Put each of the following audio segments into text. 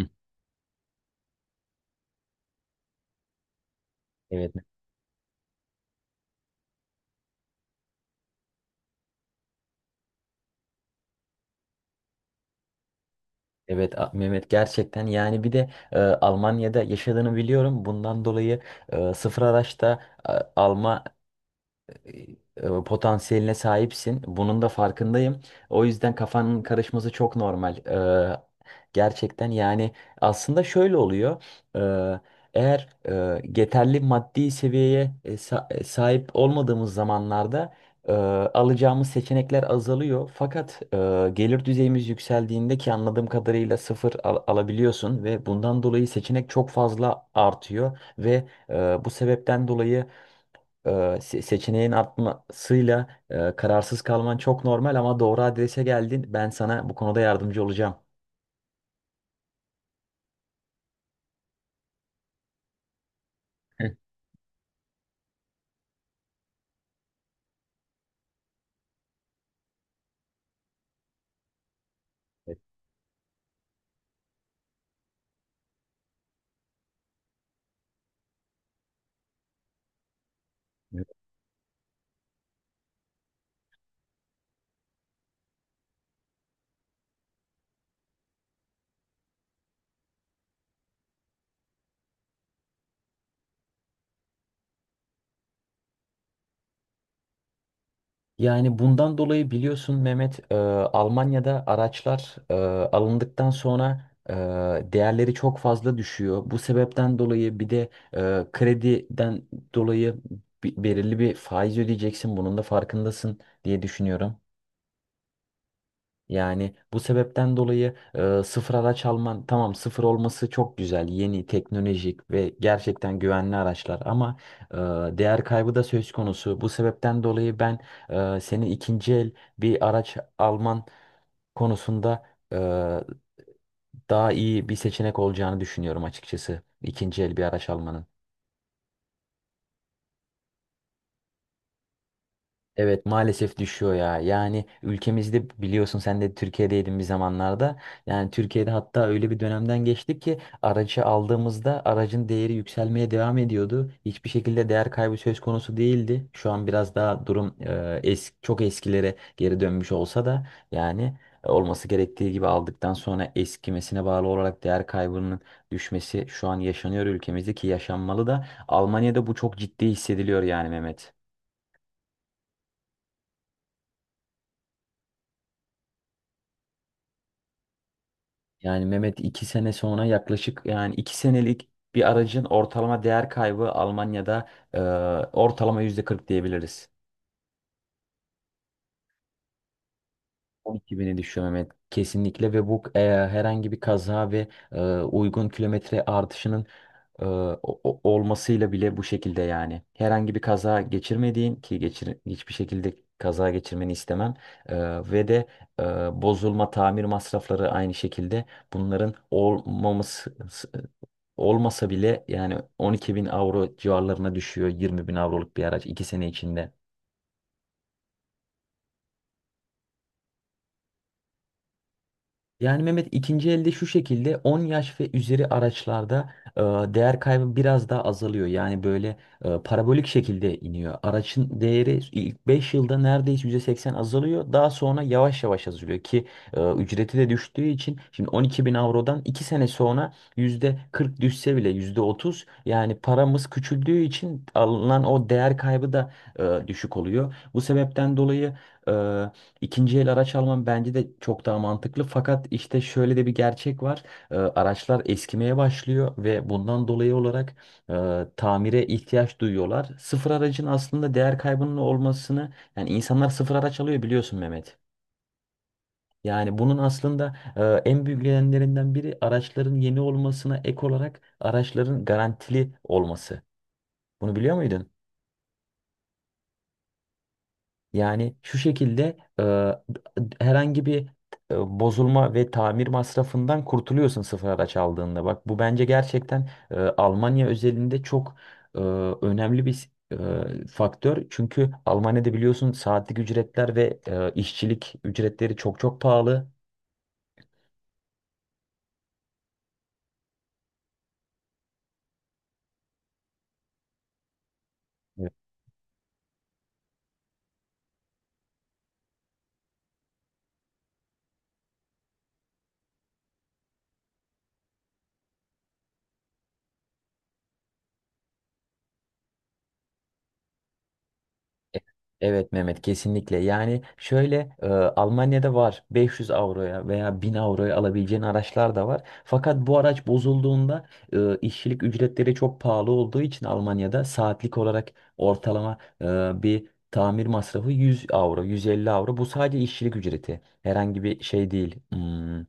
Hı. Evet, evet Mehmet, gerçekten yani bir de Almanya'da yaşadığını biliyorum. Bundan dolayı sıfır araçta e, alma potansiyeline sahipsin. Bunun da farkındayım. O yüzden kafanın karışması çok normal. Gerçekten yani aslında şöyle oluyor. Ee, eğer yeterli maddi seviyeye sahip olmadığımız zamanlarda e, alacağımız seçenekler azalıyor. Fakat gelir düzeyimiz yükseldiğinde, ki anladığım kadarıyla sıfır alabiliyorsun ve bundan dolayı seçenek çok fazla artıyor ve bu sebepten dolayı seçeneğin artmasıyla kararsız kalman çok normal, ama doğru adrese geldin. Ben sana bu konuda yardımcı olacağım. Evet. Evet. Yani bundan dolayı biliyorsun Mehmet, Almanya'da araçlar alındıktan sonra değerleri çok fazla düşüyor. Bu sebepten dolayı bir de krediden dolayı belirli bir faiz ödeyeceksin. Bunun da farkındasın diye düşünüyorum. Yani bu sebepten dolayı sıfır araç alman, tamam, sıfır olması çok güzel, yeni teknolojik ve gerçekten güvenli araçlar, ama e, değer kaybı da söz konusu. Bu sebepten dolayı ben senin ikinci el bir araç alman konusunda e, daha iyi bir seçenek olacağını düşünüyorum açıkçası, ikinci el bir araç almanın. Evet, maalesef düşüyor ya. Yani ülkemizde, biliyorsun, sen de Türkiye'deydin bir zamanlarda. Yani Türkiye'de hatta öyle bir dönemden geçtik ki aracı aldığımızda aracın değeri yükselmeye devam ediyordu. Hiçbir şekilde değer kaybı söz konusu değildi. Şu an biraz daha durum çok eskilere geri dönmüş olsa da, yani olması gerektiği gibi, aldıktan sonra eskimesine bağlı olarak değer kaybının düşmesi şu an yaşanıyor ülkemizde, ki yaşanmalı da. Almanya'da bu çok ciddi hissediliyor yani Mehmet. Yani Mehmet, 2 sene sonra yaklaşık, yani 2 senelik bir aracın ortalama değer kaybı Almanya'da ortalama yüzde 40 diyebiliriz. 12 bini düşüyor Mehmet kesinlikle, ve bu herhangi bir kaza ve uygun kilometre artışının olmasıyla bile bu şekilde yani. Herhangi bir kaza geçirmediğin, ki geçir, hiçbir şekilde kaza geçirmeni istemem, E, ve de e, bozulma tamir masrafları aynı şekilde, bunların olmaması, olmasa bile, yani 12 bin avro civarlarına düşüyor 20 bin avroluk bir araç 2 sene içinde. Yani Mehmet, ikinci elde şu şekilde, 10 yaş ve üzeri araçlarda değer kaybı biraz daha azalıyor. Yani böyle parabolik şekilde iniyor. Araçın değeri ilk 5 yılda neredeyse %80 azalıyor. Daha sonra yavaş yavaş azalıyor, ki ücreti de düştüğü için, şimdi 12.000 avrodan 2 sene sonra %40 düşse bile, %30, yani paramız küçüldüğü için alınan o değer kaybı da düşük oluyor. Bu sebepten dolayı e, İkinci el araç alman bence de çok daha mantıklı. Fakat işte şöyle de bir gerçek var. Araçlar eskimeye başlıyor ve bundan dolayı olarak tamire ihtiyaç duyuyorlar. Sıfır aracın aslında değer kaybının olmasını, yani insanlar sıfır araç alıyor biliyorsun Mehmet. Yani bunun aslında en büyük nedenlerinden biri, araçların yeni olmasına ek olarak araçların garantili olması. Bunu biliyor muydun? Yani şu şekilde herhangi bir bozulma ve tamir masrafından kurtuluyorsun sıfır araç aldığında. Bak, bu bence gerçekten Almanya özelinde çok e, önemli bir faktör. Çünkü Almanya'da biliyorsun, saatlik ücretler ve işçilik ücretleri çok çok pahalı. E- Evet Mehmet, kesinlikle. Yani şöyle, Almanya'da var 500 avroya veya 1.000 avroya alabileceğin araçlar da var. Fakat bu araç bozulduğunda, işçilik ücretleri çok pahalı olduğu için Almanya'da saatlik olarak ortalama bir tamir masrafı 100 avro, 150 avro. Bu sadece işçilik ücreti. Herhangi bir şey değil.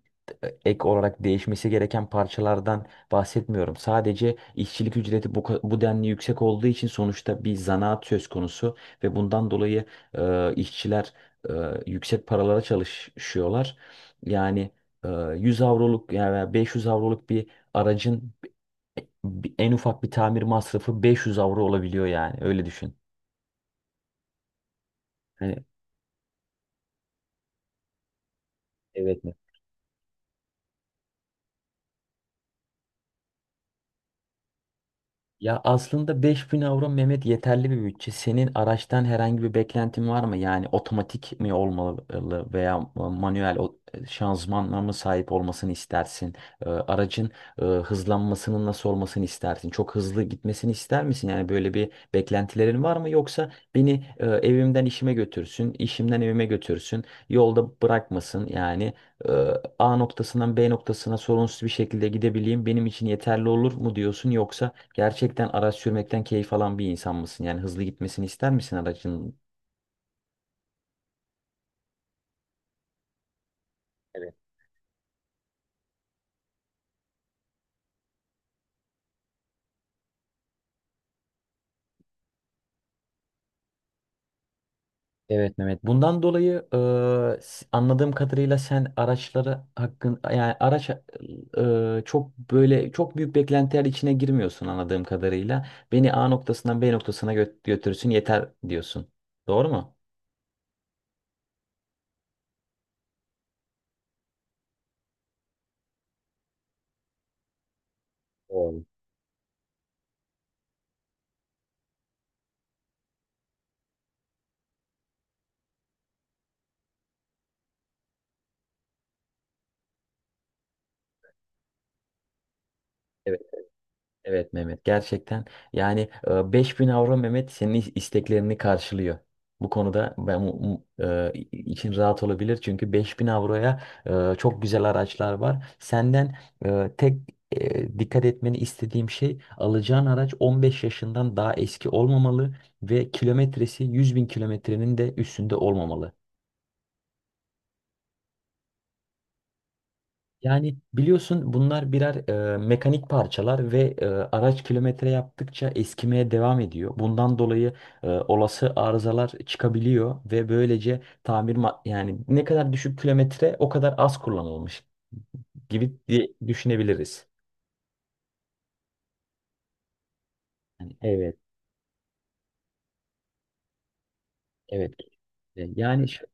Ek olarak değişmesi gereken parçalardan bahsetmiyorum. Sadece işçilik ücreti bu, bu denli yüksek olduğu için, sonuçta bir zanaat söz konusu ve bundan dolayı işçiler e, yüksek paralara çalışıyorlar. Yani e, 100 avroluk, yani 500 avroluk bir aracın en ufak bir tamir masrafı 500 avro olabiliyor, yani öyle düşün. Hani. Evet. Ya, aslında 5.000 avro Mehmet yeterli bir bütçe. Senin araçtan herhangi bir beklentin var mı? Yani otomatik mi olmalı veya manuel şanzımanla mı sahip olmasını istersin? Aracın hızlanmasının nasıl olmasını istersin? Çok hızlı gitmesini ister misin? Yani böyle bir beklentilerin var mı? Yoksa beni evimden işime götürsün, işimden evime götürsün, yolda bırakmasın. Yani e, A noktasından B noktasına sorunsuz bir şekilde gidebileyim benim için yeterli olur mu diyorsun? Yoksa gerçekten araç sürmekten keyif alan bir insan mısın? Yani hızlı gitmesini ister misin aracın? Evet Mehmet. Bundan dolayı anladığım kadarıyla sen araçları hakkın, yani araç çok böyle çok büyük beklentiler içine girmiyorsun anladığım kadarıyla. Beni A noktasından B noktasına götürsün yeter diyorsun. Doğru mu? Doğru. Evet Mehmet, gerçekten yani 5.000 avro Mehmet senin isteklerini karşılıyor. Bu konuda ben için rahat olabilir, çünkü 5.000 avroya çok güzel araçlar var. Senden tek dikkat etmeni istediğim şey, alacağın araç 15 yaşından daha eski olmamalı ve kilometresi 100 bin kilometrenin de üstünde olmamalı. Yani biliyorsun, bunlar birer mekanik parçalar ve araç kilometre yaptıkça eskimeye devam ediyor. Bundan dolayı olası arızalar çıkabiliyor ve böylece tamir yani ne kadar düşük kilometre o kadar az kullanılmış gibi diye düşünebiliriz. Yani evet, evet. E, Yani şu-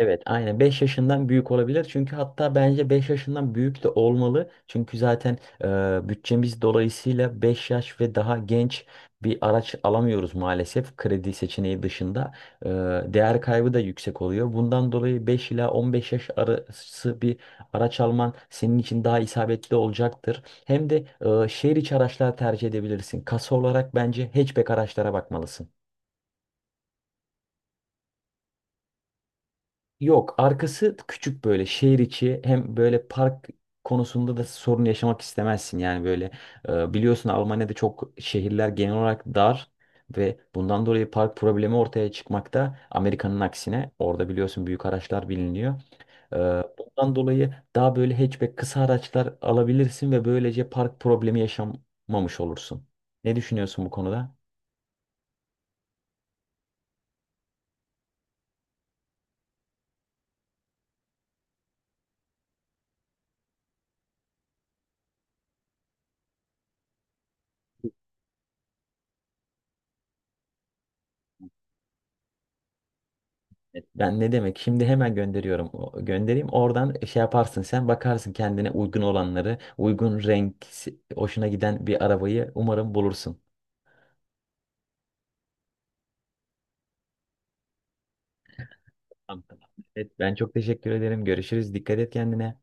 Evet, aynen, 5 yaşından büyük olabilir. Çünkü hatta bence 5 yaşından büyük de olmalı. Çünkü zaten bütçemiz dolayısıyla 5 yaş ve daha genç bir araç alamıyoruz maalesef, kredi seçeneği dışında. E, değer kaybı da yüksek oluyor. Bundan dolayı 5 ila 15 yaş arası bir araç alman senin için daha isabetli olacaktır. Hem de şehir içi araçlar tercih edebilirsin. Kasa olarak bence hatchback araçlara bakmalısın. Yok, arkası küçük, böyle şehir içi, hem böyle park konusunda da sorun yaşamak istemezsin. Yani böyle biliyorsun Almanya'da çok, şehirler genel olarak dar ve bundan dolayı park problemi ortaya çıkmakta. Amerika'nın aksine, orada biliyorsun büyük araçlar biliniyor. E, Bundan dolayı daha böyle hatchback kısa araçlar alabilirsin ve böylece park problemi yaşamamış olursun. Ne düşünüyorsun bu konuda? Ben ne demek? Şimdi hemen gönderiyorum. Göndereyim. Oradan şey yaparsın, sen bakarsın kendine uygun olanları, uygun renk, si, hoşuna giden bir arabayı umarım bulursun. Tamam, tamam. Evet, ben çok teşekkür ederim. Görüşürüz. Dikkat et kendine.